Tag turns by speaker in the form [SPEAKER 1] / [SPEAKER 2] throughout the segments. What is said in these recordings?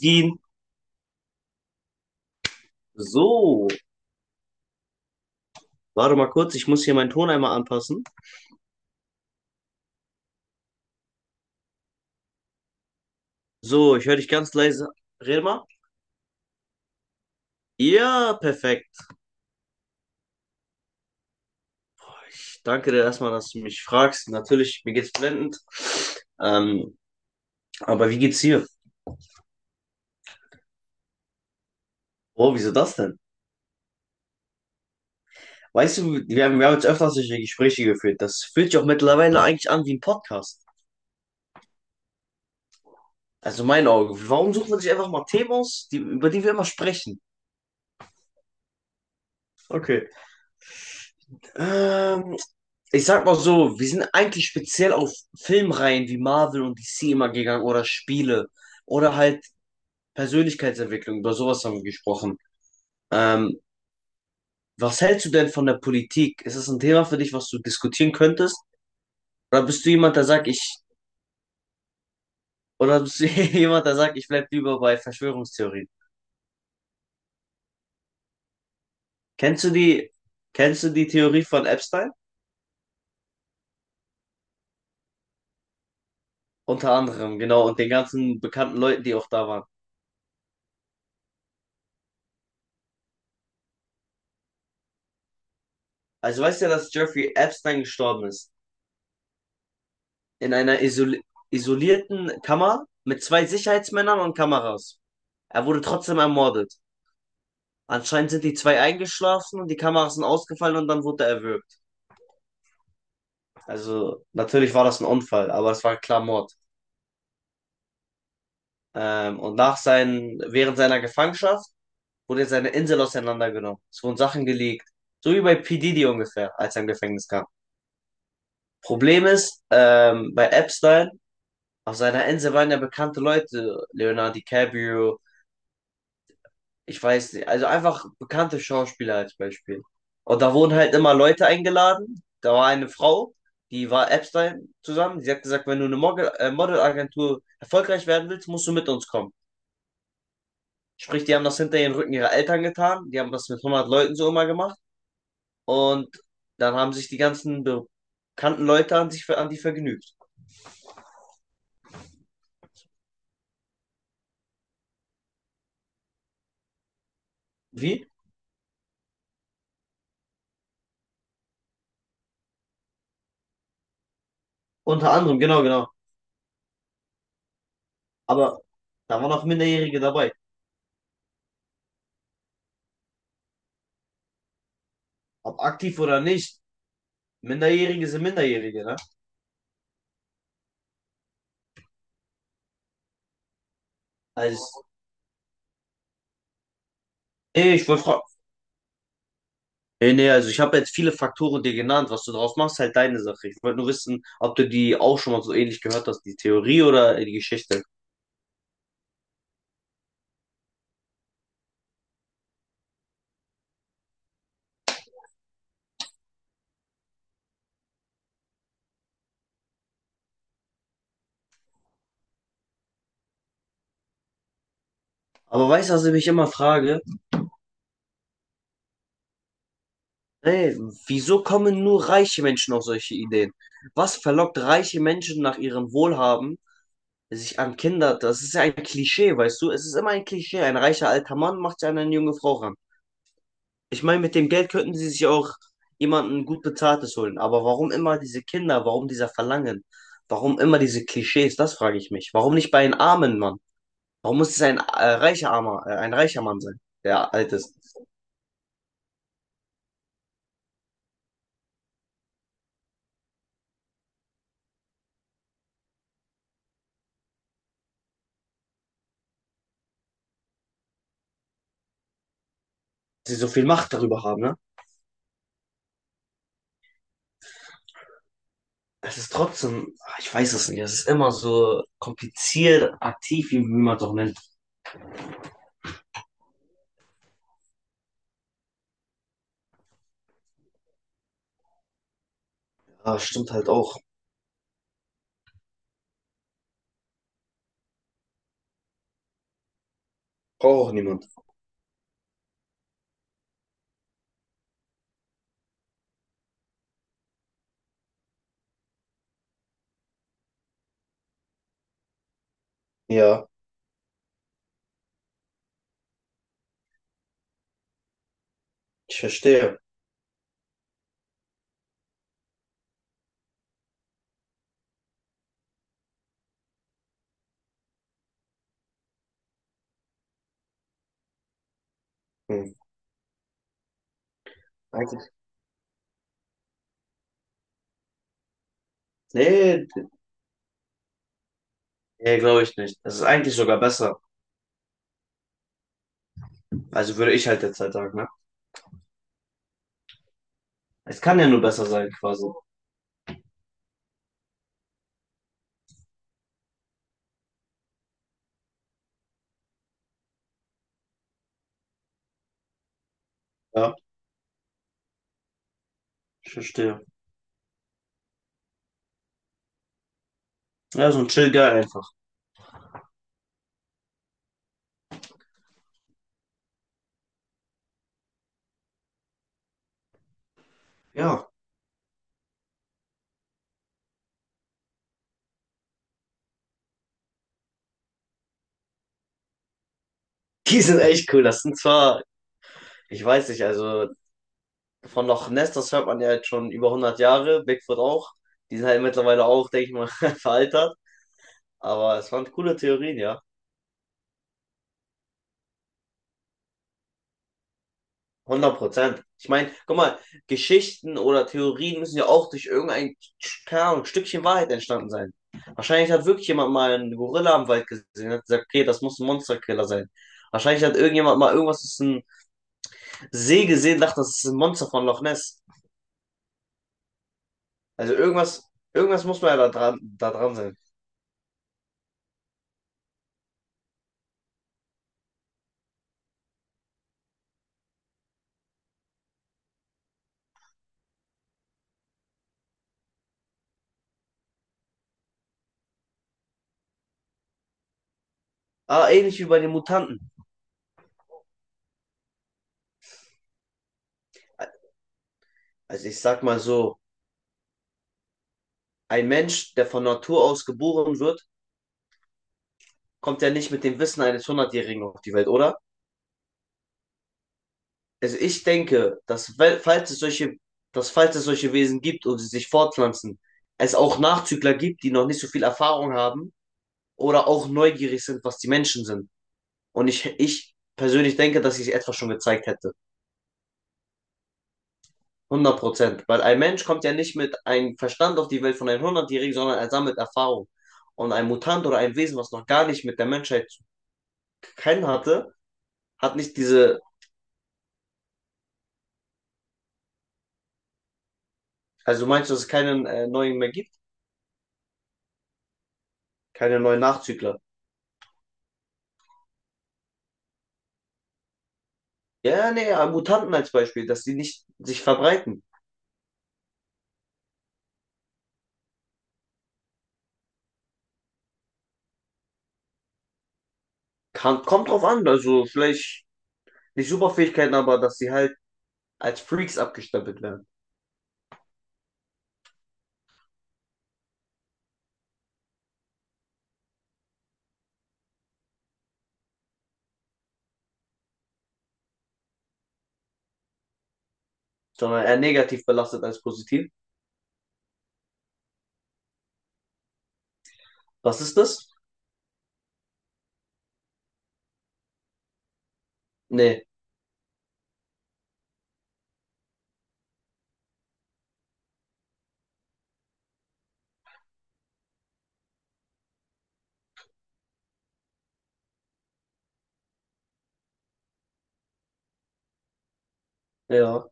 [SPEAKER 1] Gehen. So, warte mal kurz, ich muss hier meinen Ton einmal anpassen. So, ich höre dich ganz leise. Red mal. Ja, perfekt. Ich danke dir erstmal, dass du mich fragst. Natürlich, mir geht's blendend. Ähm, aber wie geht's hier? Oh, wieso das denn? Weißt du, wir haben jetzt öfters solche Gespräche geführt. Das fühlt sich auch mittlerweile eigentlich an wie ein Podcast. Also mein Auge. Warum sucht man sich einfach mal Themen aus, über die wir immer sprechen? Okay. Ähm, Ich sag mal so, wir sind eigentlich speziell auf Filmreihen wie Marvel und DC immer gegangen oder Spiele oder halt Persönlichkeitsentwicklung, über sowas haben wir gesprochen. Ähm, Was hältst du denn von der Politik? Ist das ein Thema für dich, was du diskutieren könntest? Oder bist du jemand, oder bist du jemand, der sagt, ich bleib lieber bei Verschwörungstheorien? Kennst du die, kennst du die Theorie von Epstein? Unter anderem, genau, und den ganzen bekannten Leuten, die auch da waren. Also weißt du ja, dass Jeffrey Epstein gestorben ist, in einer isol isolierten Kammer mit zwei Sicherheitsmännern und Kameras. Er wurde trotzdem ermordet. Anscheinend sind die zwei eingeschlafen und die Kameras sind ausgefallen und dann wurde er erwürgt. Also natürlich war das ein Unfall, aber es war klar Mord. Während seiner Gefangenschaft wurde seine Insel auseinandergenommen. Es wurden Sachen gelegt. So wie bei P. Diddy ungefähr, als er im Gefängnis kam. Problem ist, bei Epstein, auf seiner Insel waren ja bekannte Leute. Leonardo DiCaprio, ich weiß nicht, also einfach bekannte Schauspieler als Beispiel. Und da wurden halt immer Leute eingeladen. Da war eine Frau, die war Epstein zusammen. Sie hat gesagt, wenn du eine Modelagentur erfolgreich werden willst, musst du mit uns kommen. Sprich, die haben das hinter den Rücken ihrer Eltern getan. Die haben das mit 100 Leuten so immer gemacht. Und dann haben sich die ganzen bekannten Leute an die vergnügt. Wie? Unter anderem, genau, genau. Aber da waren auch Minderjährige dabei. Ob aktiv oder nicht, Minderjährige sind Minderjährige, ne? Also nee, ich wollte fragen. Nee, nee, also ich habe jetzt viele Faktoren dir genannt. Was du draus machst, halt deine Sache. Ich wollte nur wissen, ob du die auch schon mal so ähnlich gehört hast, die Theorie oder die Geschichte. Aber weißt du, was ich mich immer frage? Ey, wieso kommen nur reiche Menschen auf solche Ideen? Was verlockt reiche Menschen nach ihrem Wohlhaben, sich an Kinder? Das ist ja ein Klischee, weißt du? Es ist immer ein Klischee. Ein reicher alter Mann macht sich an eine junge Frau ran. Ich meine, mit dem Geld könnten sie sich auch jemanden gut Bezahltes holen. Aber warum immer diese Kinder? Warum dieser Verlangen? Warum immer diese Klischees? Das frage ich mich. Warum nicht bei einem armen Mann? Warum muss es ein reicher Mann sein, der alt ist? Sie so viel Macht darüber haben, ne? Es ist trotzdem, ich weiß es nicht, es ist immer so kompliziert, aktiv, wie man es auch nennt. Ja, stimmt halt auch. Braucht auch niemand. Ja, ich verstehe. Hm. Eigentlich, nee, nee, glaube ich nicht. Das ist eigentlich sogar besser. Also würde ich halt derzeit sagen, ne? Es kann ja nur besser sein, quasi. Ja, ich verstehe. Ja, so ein Chill Guy einfach. Ja. Die sind echt cool. Das sind zwar, ich weiß nicht, also von Loch Ness, das hört man ja jetzt schon über 100 Jahre, Bigfoot auch. Die sind halt mittlerweile auch, denke ich mal, veraltert. Aber es waren coole Theorien, ja. 100%. Ich meine, guck mal, Geschichten oder Theorien müssen ja auch durch irgendein, keine Ahnung, Stückchen Wahrheit entstanden sein. Wahrscheinlich hat wirklich jemand mal einen Gorilla im Wald gesehen und hat gesagt, okay, das muss ein Monsterkiller sein. Wahrscheinlich hat irgendjemand mal irgendwas, das ist ein See gesehen, dachte, das ist ein Monster von Loch Ness. Also irgendwas, irgendwas muss man ja da dran sein. Aber ähnlich wie bei den Mutanten. Also ich sag mal so, ein Mensch, der von Natur aus geboren wird, kommt ja nicht mit dem Wissen eines Hundertjährigen auf die Welt, oder? Also ich denke, dass falls es solche Wesen gibt und sie sich fortpflanzen, es auch Nachzügler gibt, die noch nicht so viel Erfahrung haben oder auch neugierig sind, was die Menschen sind. Und ich persönlich denke, dass sich etwas schon gezeigt hätte. 100%. Weil ein Mensch kommt ja nicht mit einem Verstand auf die Welt von einem 100-Jährigen, sondern er sammelt Erfahrung. Und ein Mutant oder ein Wesen, was noch gar nicht mit der Menschheit zu kennen hatte, hat nicht diese. Also meinst du, dass es keinen neuen mehr gibt? Keine neuen Nachzügler? Ja, nee, Mutanten als Beispiel, dass die nicht sich verbreiten. Kann, kommt drauf an. Also vielleicht nicht Superfähigkeiten, aber dass sie halt als Freaks abgestempelt werden. Sondern eher negativ belastet als positiv. Was ist das? Nee. Ja,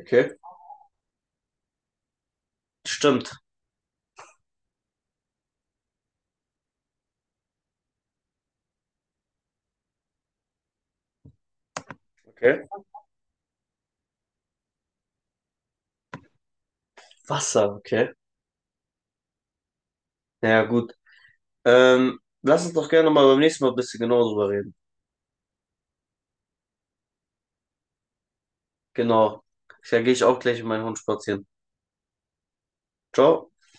[SPEAKER 1] okay. Stimmt. Okay. Wasser, okay. Ja, gut. Lass uns doch gerne mal beim nächsten Mal ein bisschen genauer drüber reden. Genau. Da gehe ich auch gleich mit meinem Hund spazieren. Ciao.